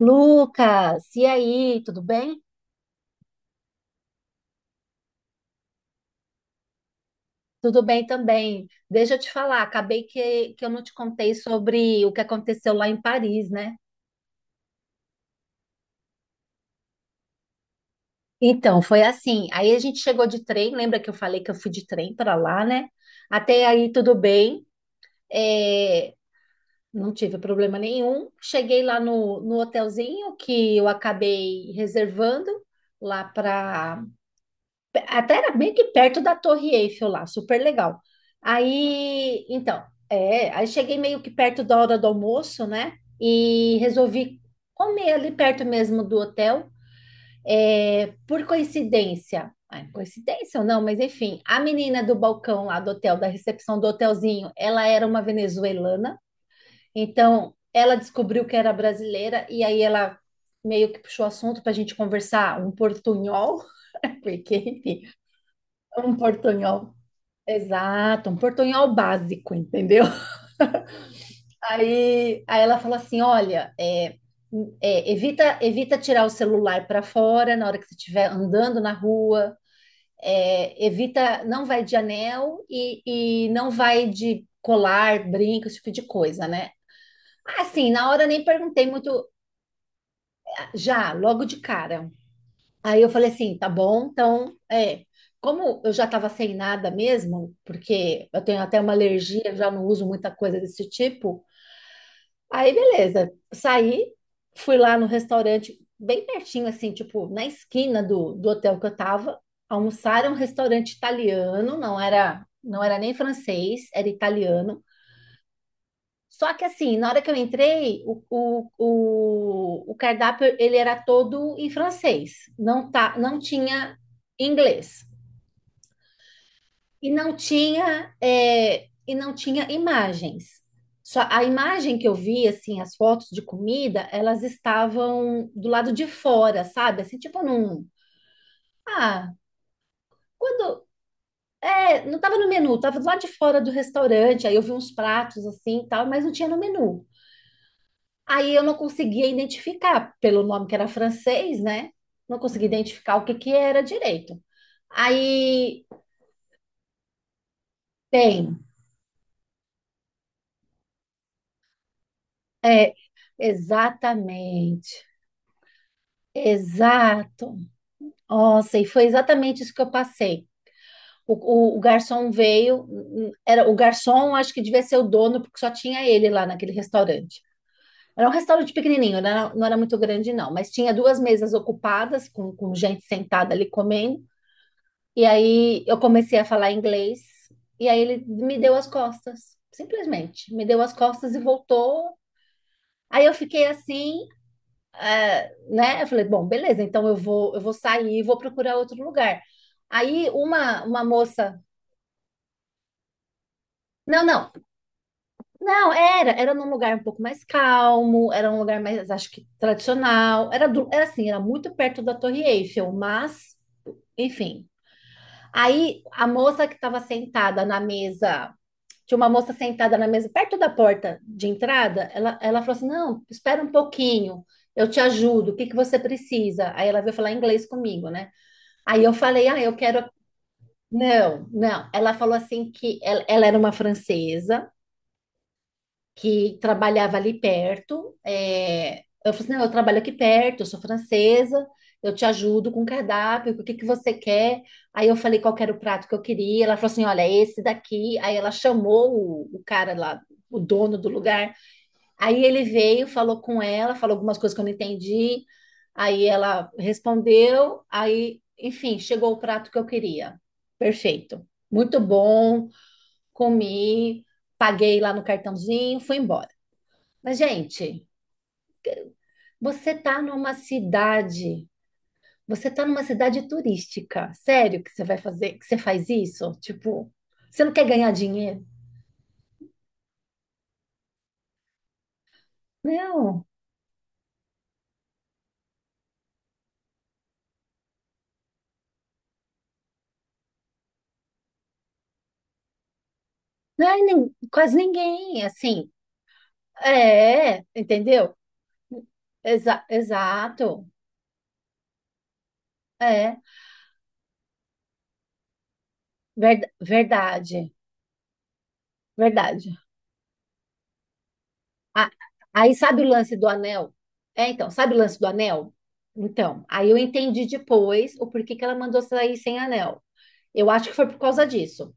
Lucas, e aí, tudo bem? Tudo bem também. Deixa eu te falar, acabei que eu não te contei sobre o que aconteceu lá em Paris, né? Então, foi assim. Aí a gente chegou de trem, lembra que eu falei que eu fui de trem para lá, né? Até aí tudo bem, é, não tive problema nenhum. Cheguei lá no hotelzinho que eu acabei reservando lá para… Até era meio que perto da Torre Eiffel lá, super legal. Aí, então, aí cheguei meio que perto da hora do almoço, né? E resolvi comer ali perto mesmo do hotel. É, por coincidência, ah, coincidência ou não, mas enfim, a menina do balcão lá do hotel, da recepção do hotelzinho, ela era uma venezuelana, então ela descobriu que era brasileira e aí ela meio que puxou assunto para a gente conversar um portunhol, porque, enfim, um portunhol… Exato, um portunhol básico, entendeu? Aí ela falou assim: olha, evita, evita tirar o celular para fora na hora que você estiver andando na rua, evita, não vai de anel e não vai de colar, brinco, esse tipo de coisa, né? Ah, sim, na hora eu nem perguntei muito. "Ah, já, logo de cara." Aí eu falei assim, tá bom, então, como eu já estava sem nada mesmo, porque eu tenho até uma alergia, já não uso muita coisa desse tipo, aí beleza, saí, fui lá no restaurante, bem pertinho, assim, tipo, na esquina do hotel que eu tava, almoçar, era um restaurante italiano, não era nem francês, era italiano, só que assim, na hora que eu entrei, o cardápio ele era todo em francês, não, tá, não tinha inglês e não tinha e não tinha imagens. Só a imagem que eu vi, assim, as fotos de comida, elas estavam do lado de fora, sabe? Assim, tipo num… Ah, quando… é, não estava no menu, estava do lado de fora do restaurante, aí eu vi uns pratos assim e tal, mas não tinha no menu. Aí eu não conseguia identificar, pelo nome que era francês, né? Não conseguia identificar o que que era direito. Aí tem, é, exatamente, exato. Nossa, e foi exatamente isso que eu passei. O, o garçom veio, era o garçom, acho que devia ser o dono, porque só tinha ele lá naquele restaurante. Era um restaurante pequenininho, não era muito grande, não, mas tinha duas mesas ocupadas, com gente sentada ali comendo. E aí eu comecei a falar inglês, e aí ele me deu as costas, simplesmente. Me deu as costas e voltou. Aí eu fiquei assim, né? Eu falei, bom, beleza, então eu vou sair e vou procurar outro lugar. Aí uma moça… Não, não, não, era num lugar um pouco mais calmo, era um lugar mais, acho que tradicional, era, do, era assim, era muito perto da Torre Eiffel, mas, enfim. Aí a moça que estava sentada na mesa… Tinha uma moça sentada na mesa, perto da porta de entrada. Ela falou assim: Não, espera um pouquinho, eu te ajudo, o que que você precisa? Aí ela veio falar inglês comigo, né? Aí eu falei: Ah, eu quero… Não, não. Ela falou assim que ela era uma francesa, que trabalhava ali perto. É, eu falei assim, não, eu trabalho aqui perto, eu sou francesa, eu te ajudo com o cardápio, o que que você quer? Aí eu falei qual que era o prato que eu queria. Ela falou assim, olha, é esse daqui. Aí ela chamou o cara lá, o dono do lugar. Aí ele veio, falou com ela, falou algumas coisas que eu não entendi. Aí ela respondeu, aí, enfim, chegou o prato que eu queria. Perfeito. Muito bom, comi, paguei lá no cartãozinho, fui embora. Mas, gente, você tá numa cidade, você tá numa cidade turística. Sério que você vai fazer, que você faz isso? Tipo, você não quer ganhar dinheiro? Não, não é nem quase ninguém, assim. É, entendeu? Exa- exato. É, verda- verdade, verdade. Ah, aí sabe o lance do anel? É, então, sabe o lance do anel? Então, aí eu entendi depois o porquê que ela mandou sair sem anel. Eu acho que foi por causa disso.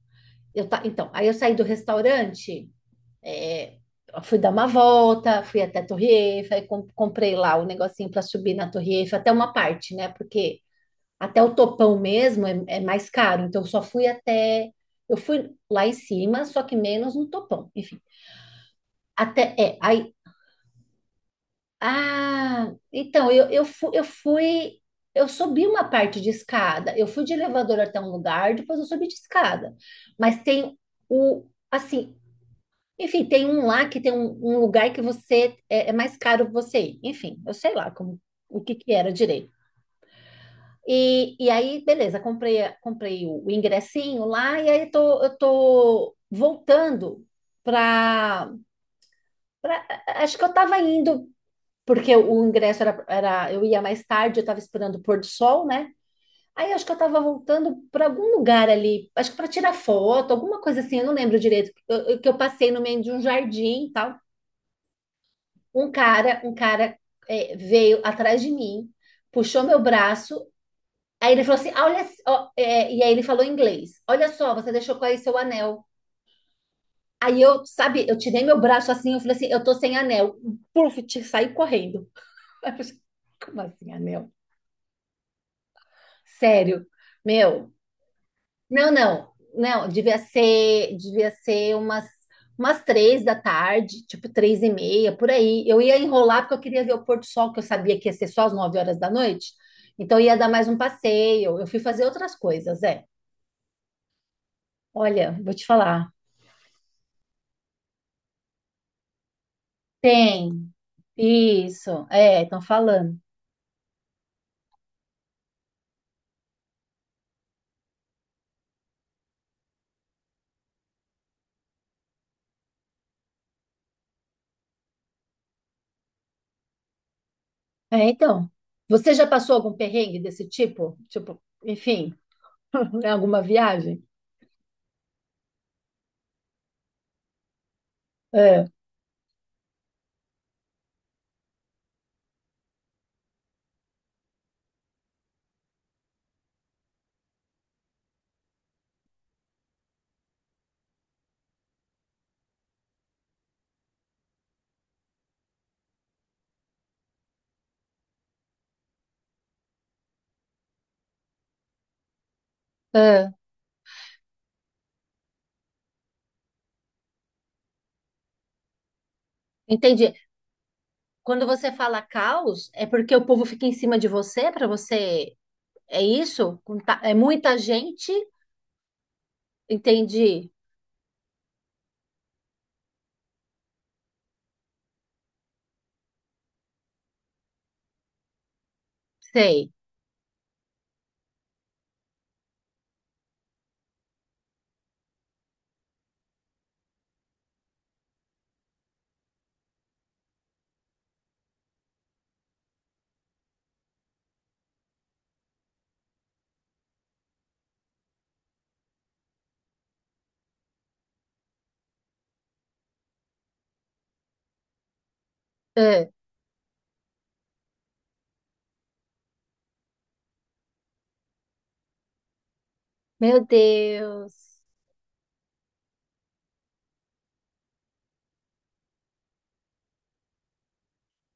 Eu ta- Então, aí eu saí do restaurante, é, fui dar uma volta, fui até a Torre Eiffel, aí com- comprei lá o negocinho para subir na Torre Eiffel, até uma parte, né? Porque até o topão mesmo é mais caro, então eu só fui até… Eu fui lá em cima, só que menos no topão, enfim. Até, é, aí… Ah, então, fu- eu fui. Eu subi uma parte de escada, eu fui de elevador até um lugar, depois eu subi de escada. Mas tem o, assim… Enfim, tem um lá que tem um, um lugar que você é mais caro você ir. Enfim, eu sei lá como… o que que era direito. E aí, beleza, comprei, a- comprei o ingressinho lá e aí tô, eu tô voltando para… acho que eu tava indo… porque o ingresso era, era eu ia mais tarde, eu tava esperando o pôr do sol, né? Aí acho que eu tava voltando para algum lugar ali, acho que para tirar foto, alguma coisa assim, eu não lembro direito, eu- que eu passei no meio de um jardim e tal. Um cara veio atrás de mim, puxou meu braço, aí ele falou assim: "Ah, olha, ó", é, e aí ele falou em inglês: olha só, você deixou cair seu anel. Aí eu, sabe, eu tirei meu braço assim, eu falei assim, eu tô sem anel. Puf, te- saí correndo. Aí eu falei, assim, Como assim, anel? Sério, meu. Não, não, não, devia ser umas, umas 3 da tarde, tipo 3 e meia, por aí. Eu ia enrolar porque eu queria ver o pôr do sol, que eu sabia que ia ser só às 9 horas da noite, então ia dar mais um passeio. Eu fui fazer outras coisas, é. Olha, vou te falar. Tem, isso, é, estão falando. É, então, você já passou algum perrengue desse tipo? Tipo, enfim, em alguma viagem? É, é, entendi. Quando você fala caos, é porque o povo fica em cima de você para você. É isso? Com ta- É muita gente? Entendi. Sei. Ah, meu Deus.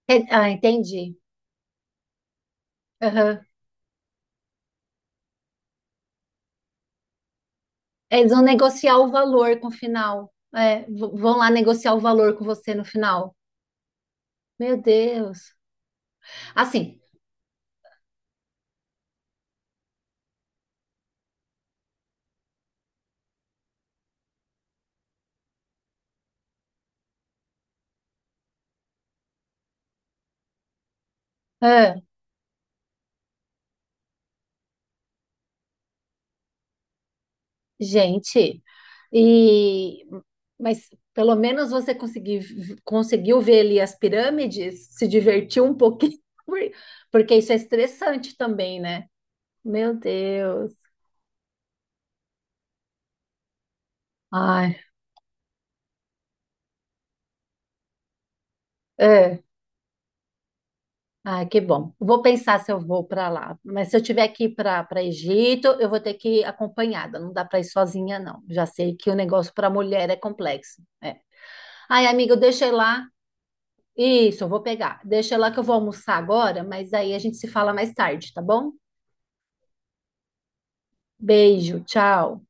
É- Ah, entendi. Aham. Eles vão negociar o valor com o final. É, v- vão lá negociar o valor com você no final. Meu Deus. Assim. Gente, e mas pelo menos você consegui, conseguiu ver ali as pirâmides, se divertiu um pouquinho, por- porque isso é estressante também, né? Meu Deus. Ai, é. Ai, que bom. Vou pensar se eu vou para lá. Mas se eu tiver que ir para Egito, eu vou ter que ir acompanhada. Não dá para ir sozinha, não. Já sei que o negócio para mulher é complexo. É. Ai, amigo, deixa eu ir lá. Isso, eu vou pegar. Deixa lá que eu vou almoçar agora, mas aí a gente se fala mais tarde, tá bom? Beijo, tchau.